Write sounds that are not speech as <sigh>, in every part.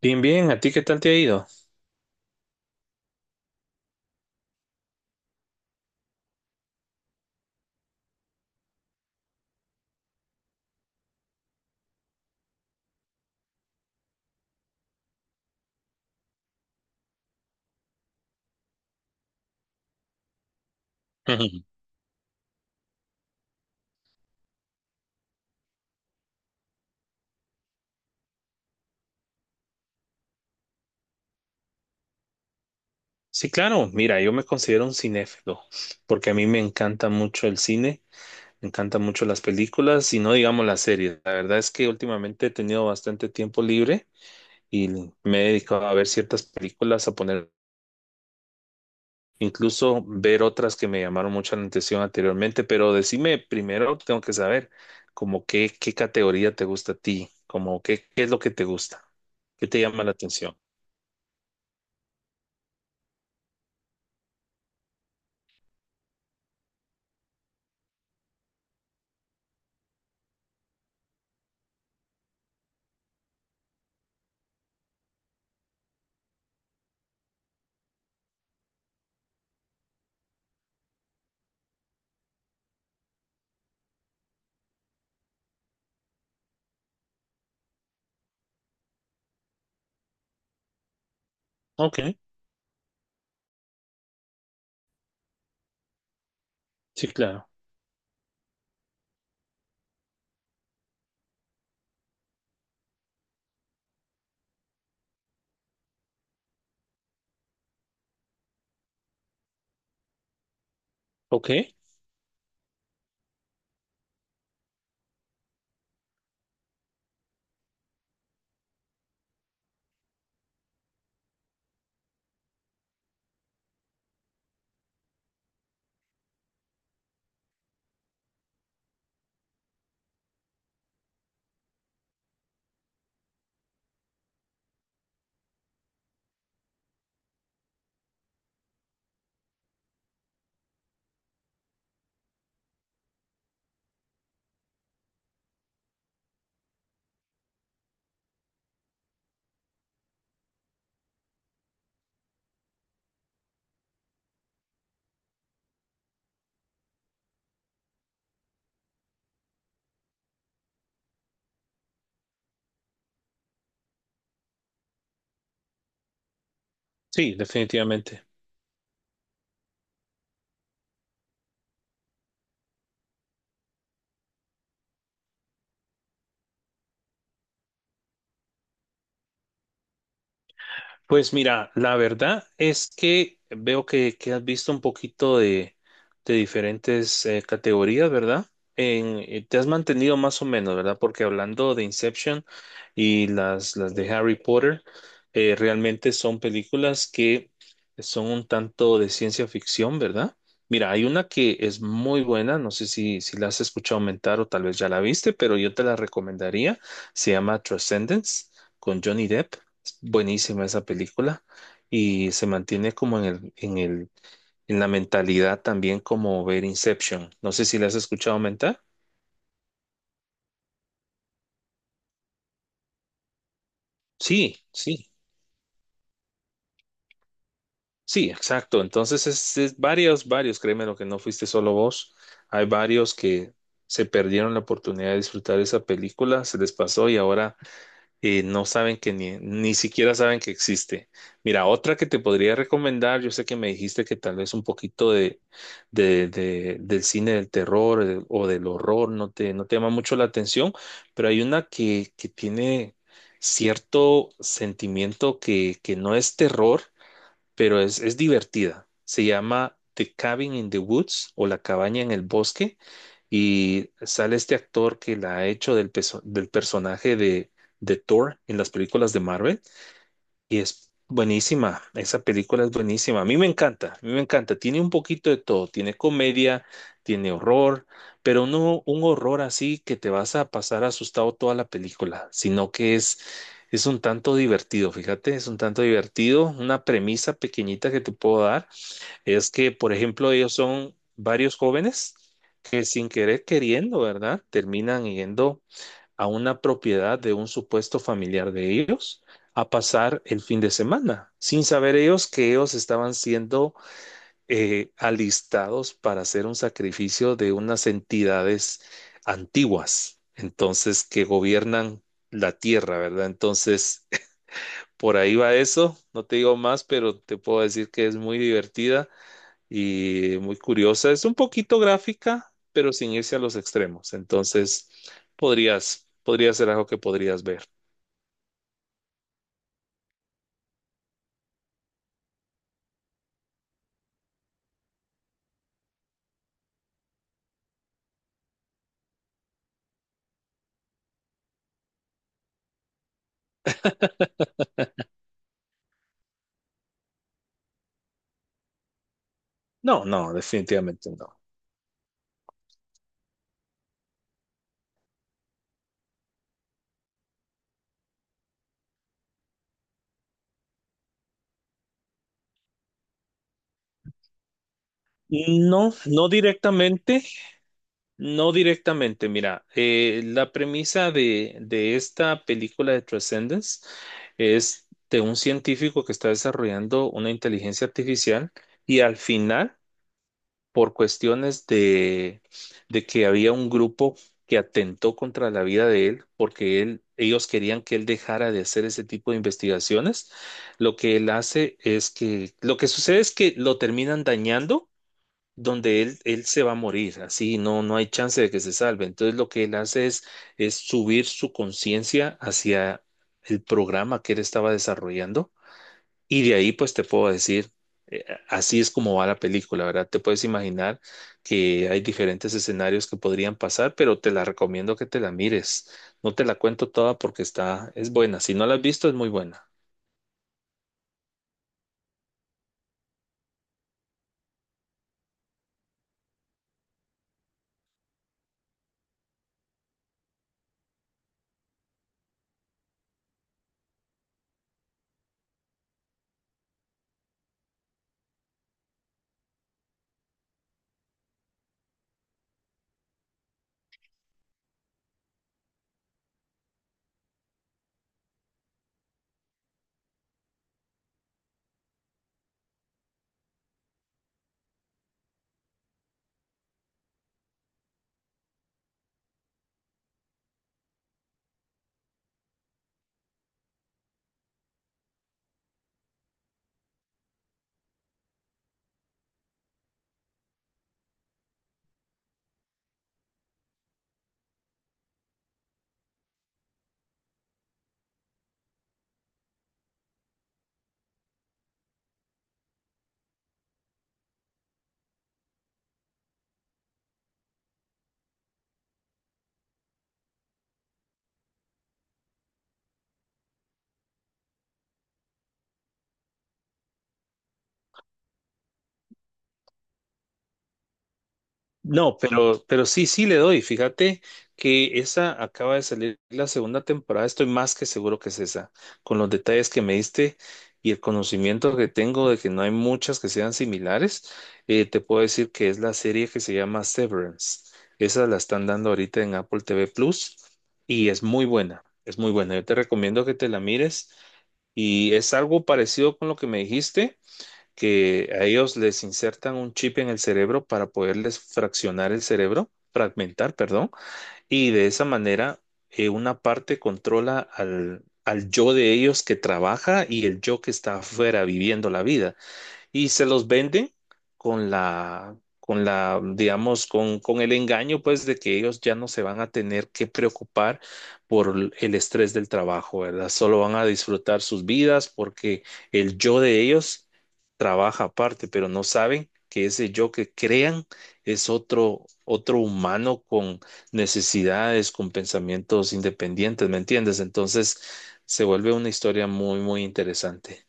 Bien, ¿a ti qué tal te ha ido? <laughs> Sí, claro, mira, yo me considero un cinéfilo, porque a mí me encanta mucho el cine, me encantan mucho las películas y no digamos las series. La verdad es que últimamente he tenido bastante tiempo libre y me he dedicado a ver ciertas películas, a poner, incluso ver otras que me llamaron mucho la atención anteriormente, pero decime primero, tengo que saber, como qué, qué categoría te gusta a ti, como qué, qué es lo que te gusta, qué te llama la atención. Ok, sí, claro. Ok. Sí, definitivamente. Pues mira, la verdad es que veo que has visto un poquito de diferentes categorías, ¿verdad? En, te has mantenido más o menos, ¿verdad? Porque hablando de Inception y las de Harry Potter, realmente son películas que son un tanto de ciencia ficción, ¿verdad? Mira, hay una que es muy buena, no sé si la has escuchado aumentar o tal vez ya la viste, pero yo te la recomendaría. Se llama Transcendence con Johnny Depp. Buenísima esa película y se mantiene como en el, en la mentalidad también como ver Inception. No sé si la has escuchado mentar. Sí, sí, sí, exacto. Entonces es varios, créeme lo que no fuiste solo vos. Hay varios que se perdieron la oportunidad de disfrutar esa película, se les pasó y ahora no saben que ni siquiera saben que existe. Mira, otra que te podría recomendar, yo sé que me dijiste que tal vez un poquito de, del cine del terror o del horror no no te llama mucho la atención, pero hay una que tiene cierto sentimiento que no es terror, pero es divertida. Se llama The Cabin in the Woods o La cabaña en el bosque y sale este actor que la ha hecho del, del personaje de Thor en las películas de Marvel y es buenísima, esa película es buenísima. A mí me encanta, a mí me encanta. Tiene un poquito de todo, tiene comedia, tiene horror, pero no un horror así que te vas a pasar asustado toda la película, sino que es un tanto divertido, fíjate, es un tanto divertido. Una premisa pequeñita que te puedo dar es que, por ejemplo, ellos son varios jóvenes que sin querer queriendo, ¿verdad? Terminan yendo a una propiedad de un supuesto familiar de ellos a pasar el fin de semana, sin saber ellos que ellos estaban siendo alistados para hacer un sacrificio de unas entidades antiguas, entonces que gobiernan la tierra, ¿verdad? Entonces, <laughs> por ahí va eso, no te digo más, pero te puedo decir que es muy divertida y muy curiosa. Es un poquito gráfica, pero sin irse a los extremos. Entonces, podría ser algo que podrías ver. No, no, definitivamente no. No, no directamente, no directamente. Mira, la premisa de esta película de Transcendence es de un científico que está desarrollando una inteligencia artificial y al final por cuestiones de que había un grupo que atentó contra la vida de él, porque él, ellos querían que él dejara de hacer ese tipo de investigaciones. Lo que él hace es que, lo que sucede es que lo terminan dañando, donde él se va a morir, así no, no hay chance de que se salve. Entonces lo que él hace es subir su conciencia hacia el programa que él estaba desarrollando y de ahí, pues te puedo decir, así es como va la película, ¿verdad? Te puedes imaginar que hay diferentes escenarios que podrían pasar, pero te la recomiendo que te la mires. No te la cuento toda porque está, es buena. Si no la has visto, es muy buena. No, pero sí, sí le doy. Fíjate que esa acaba de salir la segunda temporada. Estoy más que seguro que es esa, con los detalles que me diste y el conocimiento que tengo de que no hay muchas que sean similares. Te puedo decir que es la serie que se llama Severance. Esa la están dando ahorita en Apple TV Plus y es muy buena. Es muy buena. Yo te recomiendo que te la mires y es algo parecido con lo que me dijiste que a ellos les insertan un chip en el cerebro para poderles fraccionar el cerebro, fragmentar, perdón, y de esa manera una parte controla al yo de ellos que trabaja y el yo que está afuera viviendo la vida y se los venden con con digamos, con el engaño, pues, de que ellos ya no se van a tener que preocupar por el estrés del trabajo, ¿verdad? Solo van a disfrutar sus vidas porque el yo de ellos trabaja aparte, pero no saben que ese yo que crean es otro, otro humano con necesidades, con pensamientos independientes, ¿me entiendes? Entonces se vuelve una historia muy, muy interesante.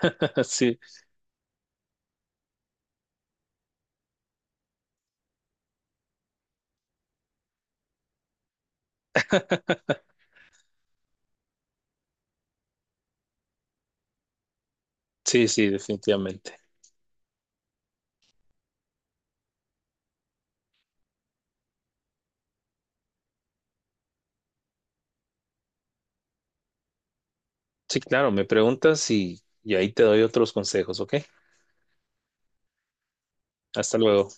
<laughs> Sí. Sí, sí, definitivamente. Sí, claro, me preguntas y ahí te doy otros consejos, ¿ok? Hasta luego.